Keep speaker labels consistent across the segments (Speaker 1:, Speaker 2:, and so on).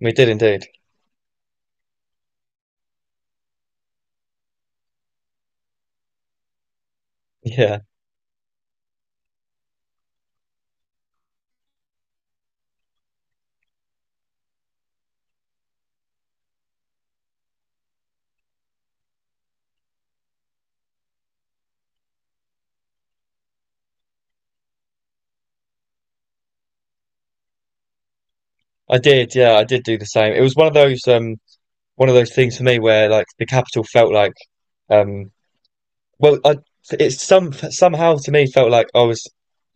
Speaker 1: We did indeed. Yeah, I did. Yeah, I did do the same. It was one of those one of those things for me where like the capital felt like um well I it some somehow to me felt like I was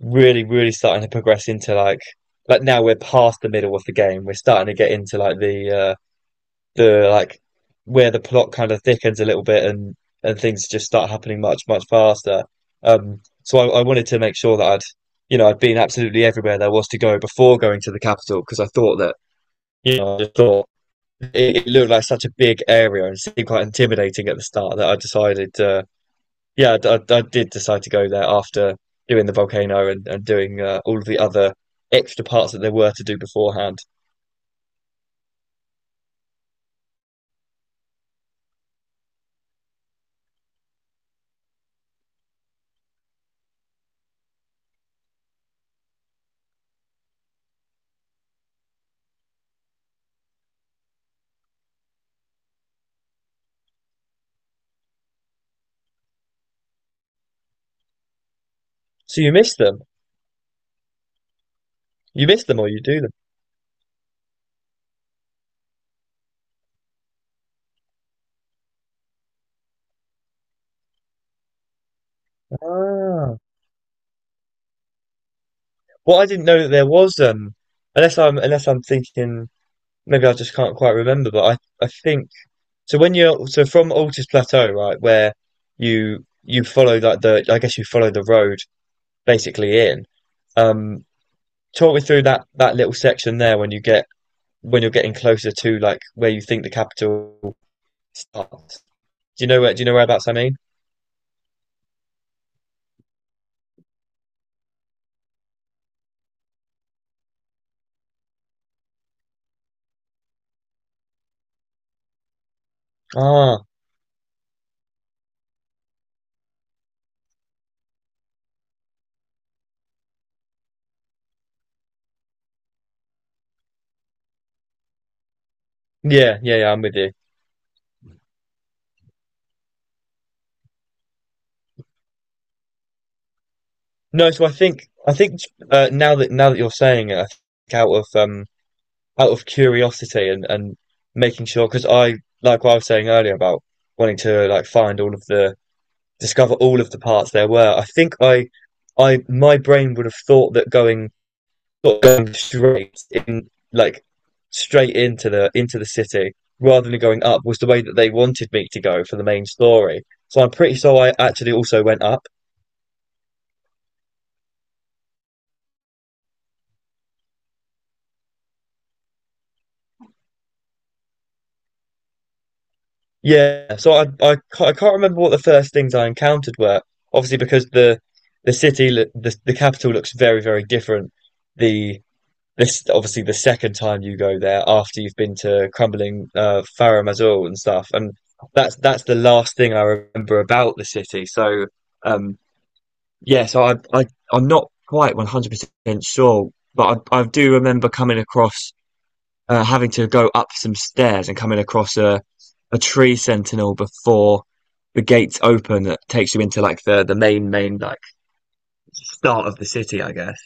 Speaker 1: really really starting to progress into like now we're past the middle of the game. We're starting to get into like where the plot kind of thickens a little bit and things just start happening much much faster. So I wanted to make sure that I'd you know I'd been absolutely everywhere there was to go before going to the capital because I thought that I just thought it looked like such a big area and seemed quite intimidating at the start that I decided, yeah, I did decide to go there after doing the volcano and, and doing all of the other extra parts that there were to do beforehand. So you miss them. You miss them or you do them. Ah. Well, I didn't know that there was, unless I'm thinking, maybe I just can't quite remember, but I think, so when you're, so from Altus Plateau, right, where you follow like the, I guess you follow the road basically in. Um, talk me through that little section there when you get when you're getting closer to like where you think the capital starts. Do you know where? Do you know whereabouts I mean? Ah, yeah, yeah, yeah. I'm with you. No, so I think now that you're saying it, I think out of curiosity and making sure because I like what I was saying earlier about wanting to like find all of the discover all of the parts there were. I think I my brain would have thought that going not going straight in like straight into the city rather than going up was the way that they wanted me to go for the main story. So I'm pretty sure I actually also went up. Yeah. So I can't remember what the first things I encountered were. Obviously, because the city, the capital looks very very different. The this is obviously the second time you go there after you've been to crumbling Faro Mazur and stuff and that's the last thing I remember about the city, um so I'm not quite 100% sure, but I do remember coming across having to go up some stairs and coming across a tree sentinel before the gates open that takes you into like the main like start of the city I guess.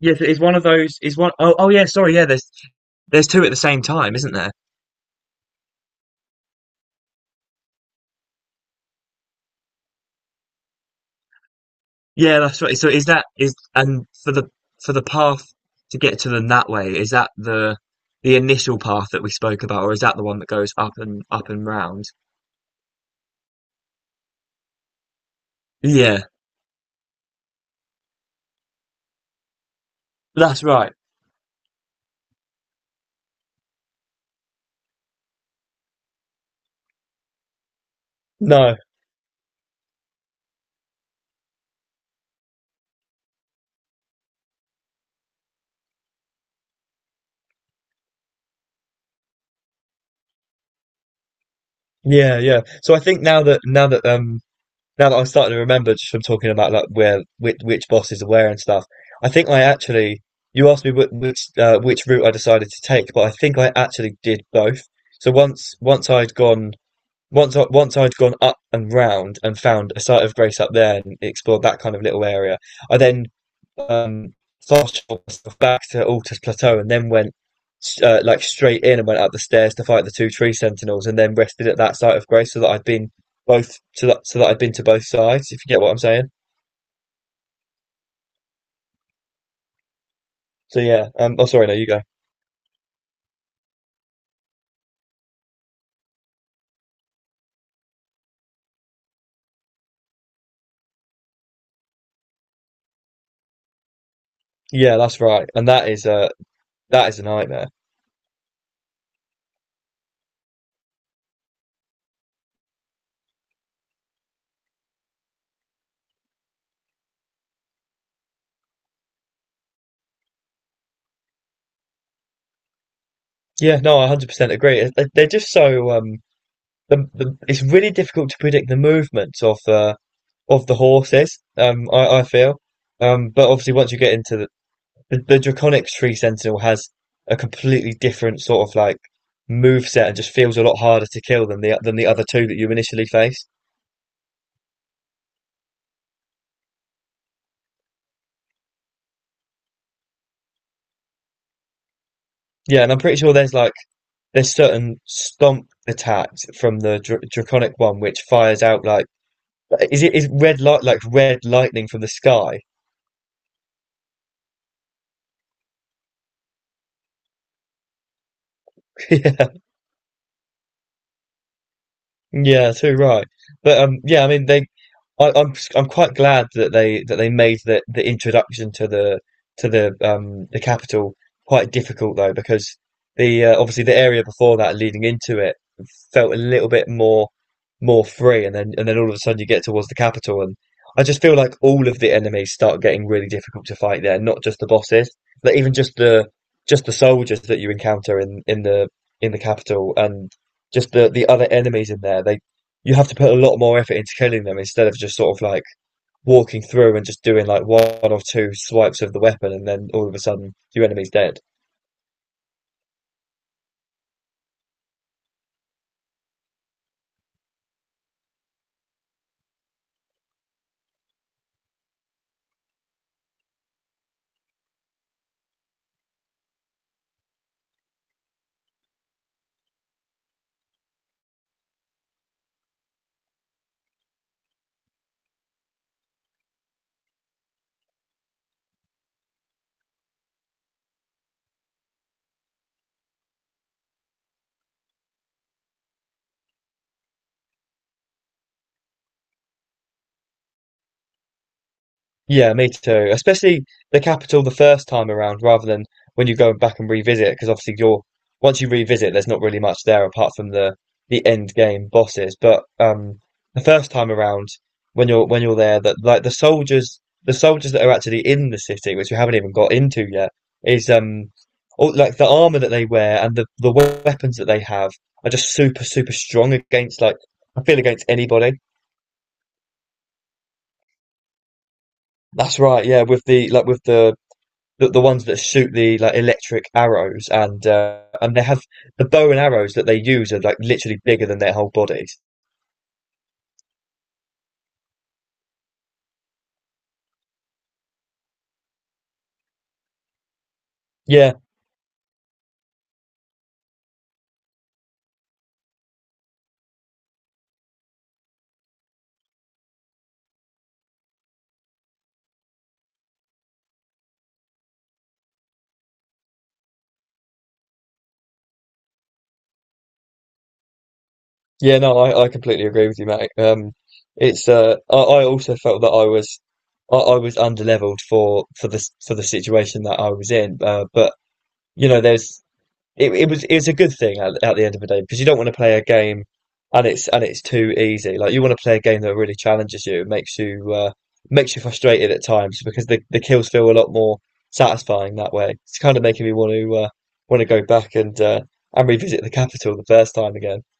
Speaker 1: Yes, it's one of those. Is one oh oh yeah. Sorry, yeah. There's two at the same time, isn't there? Yeah, that's right. So is that is and for the path to get to them that way, is that the initial path that we spoke about, or is that the one that goes up and up and round? Yeah, that's right. No. Yeah, yeah. So I think now that I'm starting to remember just from talking about like where which bosses are where and stuff, I think I actually you asked me which which route I decided to take, but I think I actually did both. So once I'd gone once I, once I'd gone up and round and found a site of grace up there and explored that kind of little area, I then um, fast traveled myself back to Altus Plateau and then went like straight in and went up the stairs to fight the two tree sentinels and then rested at that site of grace so that I'd been both so that so that I'd been to both sides, if you get what I'm saying. So yeah, oh sorry, no, you go. Yeah, that's right, and that is a nightmare. Yeah, no, I 100% agree. They- They're just so it's really difficult to predict the movements of the horses. I feel, but obviously once you get into the Draconic Tree Sentinel has a completely different sort of like move set and just feels a lot harder to kill than the other two that you initially face. Yeah, and I'm pretty sure there's like there's certain stomp attacks from the dr Draconic one which fires out like is it is red light like red lightning from the sky? Yeah, yeah, too right. But yeah, I mean they I'm quite glad that they made the introduction to the to the capital quite difficult though because the obviously the area before that leading into it felt a little bit more more free and then all of a sudden you get towards the capital and I just feel like all of the enemies start getting really difficult to fight there, not just the bosses. Like even just the soldiers that you encounter in the in the capital and just the other enemies in there, they you have to put a lot more effort into killing them instead of just sort of like walking through and just doing like one or two swipes of the weapon and then all of a sudden your enemy's dead. Yeah, me too. Especially the capital the first time around, rather than when you go back and revisit, because obviously you're once you revisit, there's not really much there apart from the end game bosses. But the first time around, when you're there, that like the soldiers that are actually in the city, which we haven't even got into yet, is all, like the armor that they wear and the weapons that they have are just super super strong against like I feel against anybody. That's right, yeah. With the like with the ones that shoot the like electric arrows and, and they have the bow and arrows that they use are like literally bigger than their whole bodies. Yeah, yeah, no, I completely agree with you, mate. It's I also felt that I was I was underleveled for the situation that I was in, but you know, there's it was it was a good thing at the end of the day because you don't want to play a game and it's too easy. Like you want to play a game that really challenges you, makes you makes you frustrated at times because the kills feel a lot more satisfying that way. It's kind of making me want to go back and revisit the capital the first time again.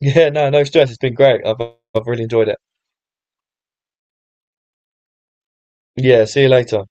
Speaker 1: Yeah, no, no stress. It's been great. I've really enjoyed it. Yeah, see you later.